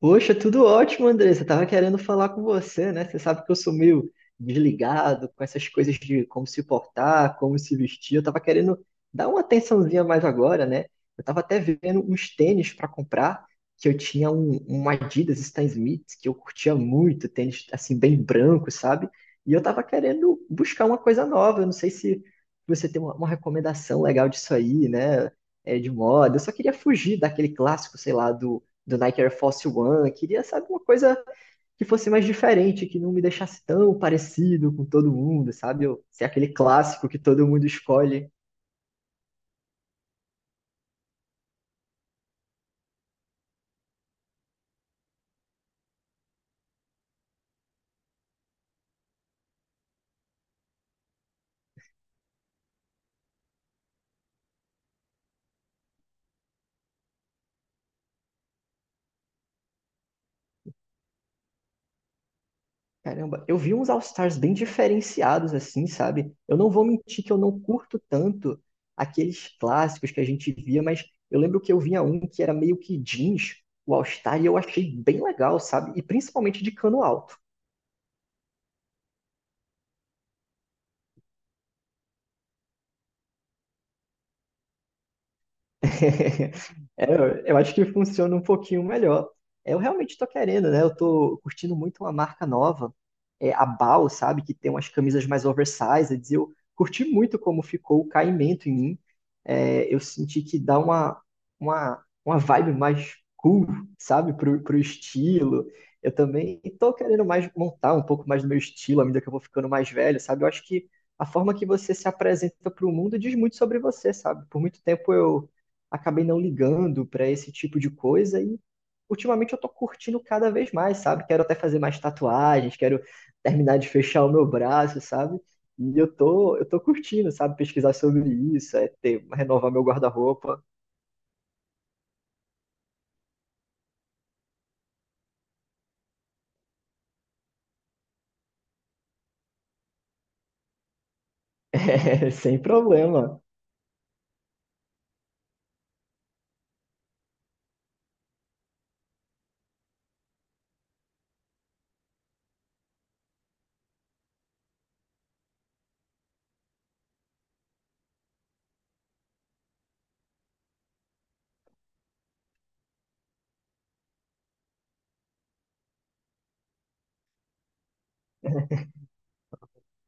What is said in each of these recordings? Poxa, tudo ótimo, Andressa. Tava querendo falar com você, né? Você sabe que eu sou meio desligado com essas coisas de como se portar, como se vestir. Eu tava querendo dar uma atençãozinha mais agora, né? Eu tava até vendo uns tênis para comprar, que eu tinha um Adidas Stan Smith, que eu curtia muito, tênis assim bem branco, sabe? E eu tava querendo buscar uma coisa nova. Eu não sei se você tem uma recomendação legal disso aí, né? É, de moda. Eu só queria fugir daquele clássico, sei lá, do Nike Air Force One, queria, sabe, uma coisa que fosse mais diferente, que não me deixasse tão parecido com todo mundo, sabe? Eu, ser aquele clássico que todo mundo escolhe. Caramba, eu vi uns All-Stars bem diferenciados, assim, sabe? Eu não vou mentir que eu não curto tanto aqueles clássicos que a gente via, mas eu lembro que eu vinha um que era meio que jeans, o All-Star, e eu achei bem legal, sabe? E principalmente de cano alto. É, eu acho que funciona um pouquinho melhor. Eu realmente tô querendo, né? Eu tô curtindo muito uma marca nova, é a Bal, sabe? Que tem umas camisas mais oversized. E eu curti muito como ficou o caimento em mim. É, eu senti que dá uma, uma vibe mais cool, sabe? Pro estilo. Eu também tô querendo mais montar um pouco mais do meu estilo à medida que eu vou ficando mais velho, sabe? Eu acho que a forma que você se apresenta para o mundo diz muito sobre você, sabe? Por muito tempo eu acabei não ligando para esse tipo de coisa e ultimamente eu tô curtindo cada vez mais, sabe? Quero até fazer mais tatuagens, quero terminar de fechar o meu braço, sabe? E eu tô curtindo, sabe? Pesquisar sobre isso, é ter, renovar meu guarda-roupa, é, sem problema.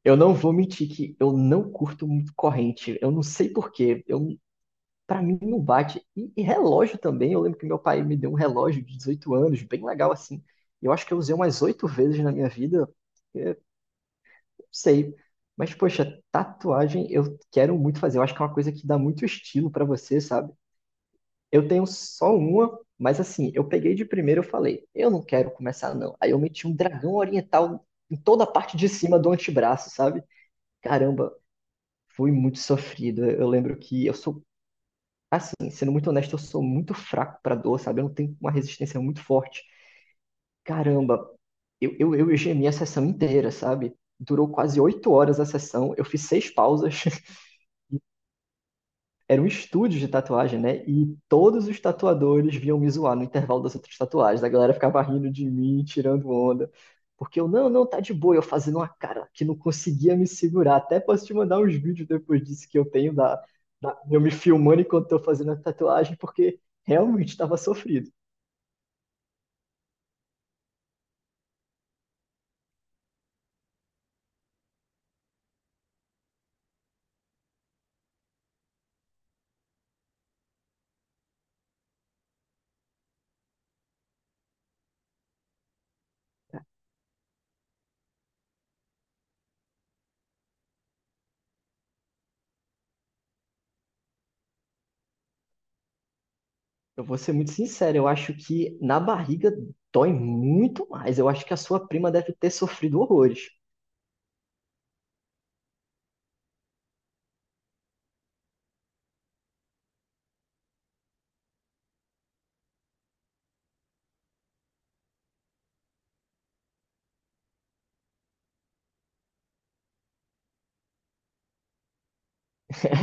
Eu não vou mentir que eu não curto muito corrente. Eu não sei por quê. Eu, para mim não bate. E relógio também. Eu lembro que meu pai me deu um relógio de 18 anos, bem legal assim. Eu acho que eu usei umas 8 vezes na minha vida. Sei. Mas, poxa, tatuagem eu quero muito fazer. Eu acho que é uma coisa que dá muito estilo pra você, sabe? Eu tenho só uma, mas assim, eu peguei de primeiro e falei, eu não quero começar, não. Aí eu meti um dragão oriental em toda a parte de cima do antebraço, sabe? Caramba, foi muito sofrido. Eu lembro que eu sou, assim, sendo muito honesto, eu sou muito fraco pra dor, sabe? Eu não tenho uma resistência muito forte. Caramba, eu gemi a sessão inteira, sabe? Durou quase 8 horas a sessão, eu fiz seis pausas. Era um estúdio de tatuagem, né? E todos os tatuadores vinham me zoar no intervalo das outras tatuagens. A galera ficava rindo de mim, tirando onda. Porque eu, não, não, tá de boa. Eu fazendo uma cara que não conseguia me segurar. Até posso te mandar uns vídeos depois disso que eu tenho da, eu me filmando enquanto tô fazendo a tatuagem, porque realmente estava sofrido. Eu vou ser muito sincero, eu acho que na barriga dói muito mais. Eu acho que a sua prima deve ter sofrido horrores.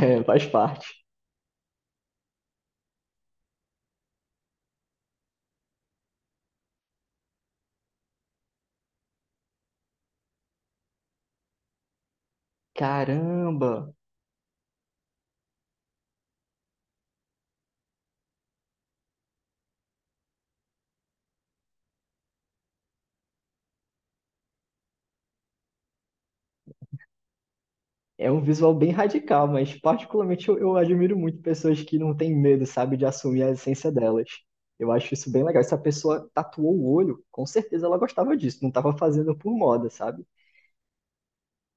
É, faz parte. Caramba! É um visual bem radical, mas particularmente eu admiro muito pessoas que não têm medo, sabe, de assumir a essência delas. Eu acho isso bem legal. Se a pessoa tatuou o olho, com certeza ela gostava disso, não estava fazendo por moda, sabe?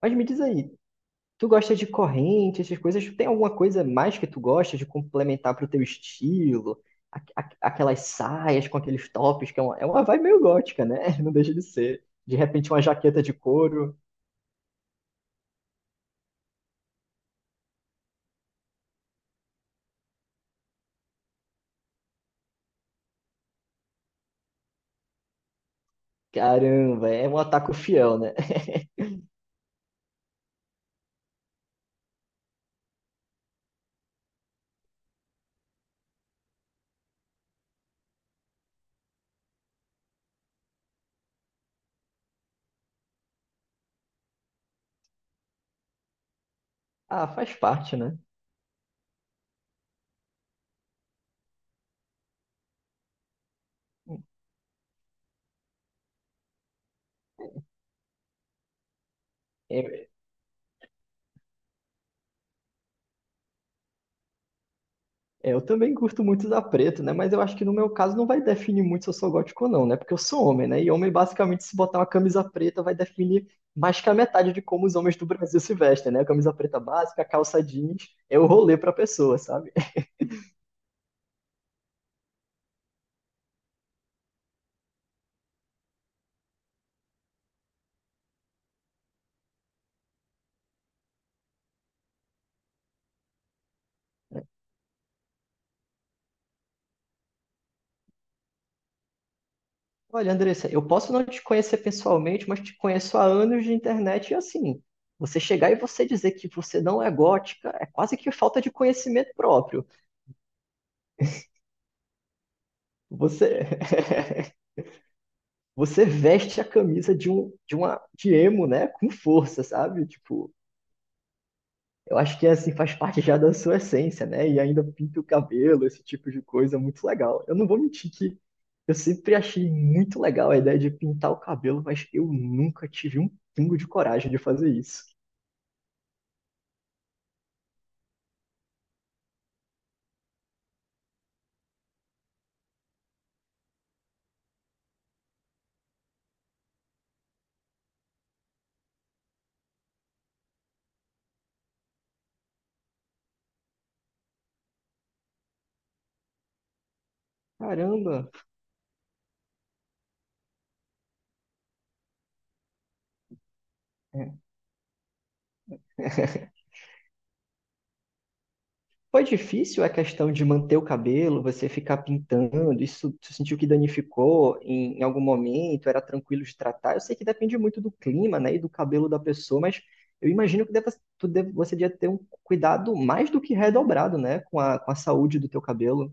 Mas me diz aí, tu gosta de corrente, essas coisas? Tem alguma coisa mais que tu gosta de complementar pro teu estilo? Aquelas saias com aqueles tops, que é uma vibe meio gótica, né? Não deixa de ser. De repente uma jaqueta de couro. Caramba, é um ataque fiel, né? Ah, faz parte, né? É, Eu também curto muito usar preto, né? Mas eu acho que no meu caso não vai definir muito se eu sou gótico ou não, né? Porque eu sou homem, né? E homem, basicamente, se botar uma camisa preta, vai definir mais que a metade de como os homens do Brasil se vestem, né? A camisa preta básica, a calça jeans, é o rolê pra pessoa, sabe? Olha, Andressa, eu posso não te conhecer pessoalmente, mas te conheço há anos de internet e assim, você chegar e você dizer que você não é gótica é quase que falta de conhecimento próprio. Você. Você veste a camisa de um de uma de emo, né? Com força, sabe? Tipo, eu acho que assim faz parte já da sua essência, né? E ainda pinta o cabelo, esse tipo de coisa, muito legal. Eu não vou mentir que eu sempre achei muito legal a ideia de pintar o cabelo, mas eu nunca tive um pingo de coragem de fazer isso. Caramba! É. Foi difícil a questão de manter o cabelo, você ficar pintando, isso tu sentiu que danificou em algum momento, era tranquilo de tratar? Eu sei que depende muito do clima, né, e do cabelo da pessoa, mas eu imagino que deva, tu deve, você devia ter um cuidado mais do que redobrado, né, com a saúde do teu cabelo.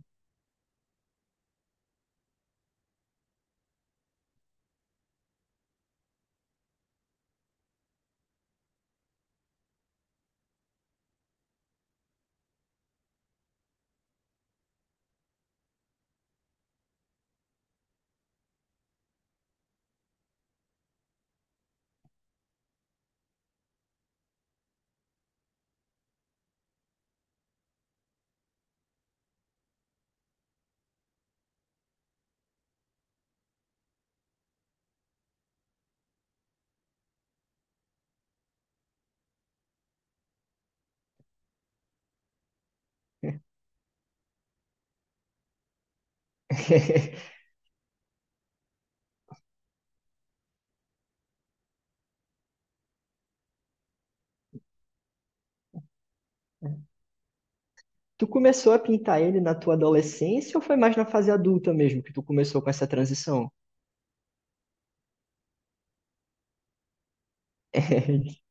Tu começou a pintar ele na tua adolescência ou foi mais na fase adulta mesmo que tu começou com essa transição?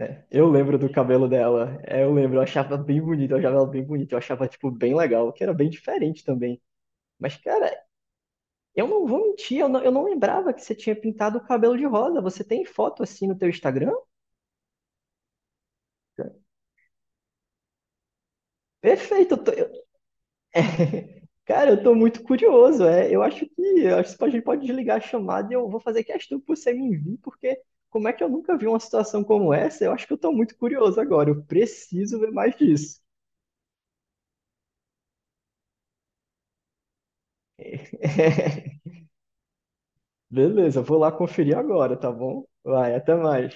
É, eu lembro do cabelo dela. É, eu lembro, eu achava bem bonito, eu achava ela bem bonita, eu achava, tipo, bem legal, que era bem diferente também. Mas, cara, eu não vou mentir, eu não lembrava que você tinha pintado o cabelo de rosa. Você tem foto assim no teu Instagram? Perfeito, Cara, eu tô muito curioso. É, eu acho que a gente pode desligar a chamada e eu vou fazer questão que você me envie, porque como é que eu nunca vi uma situação como essa? Eu acho que eu tô muito curioso agora. Eu preciso ver mais disso. Beleza, vou lá conferir agora, tá bom? Vai, até mais.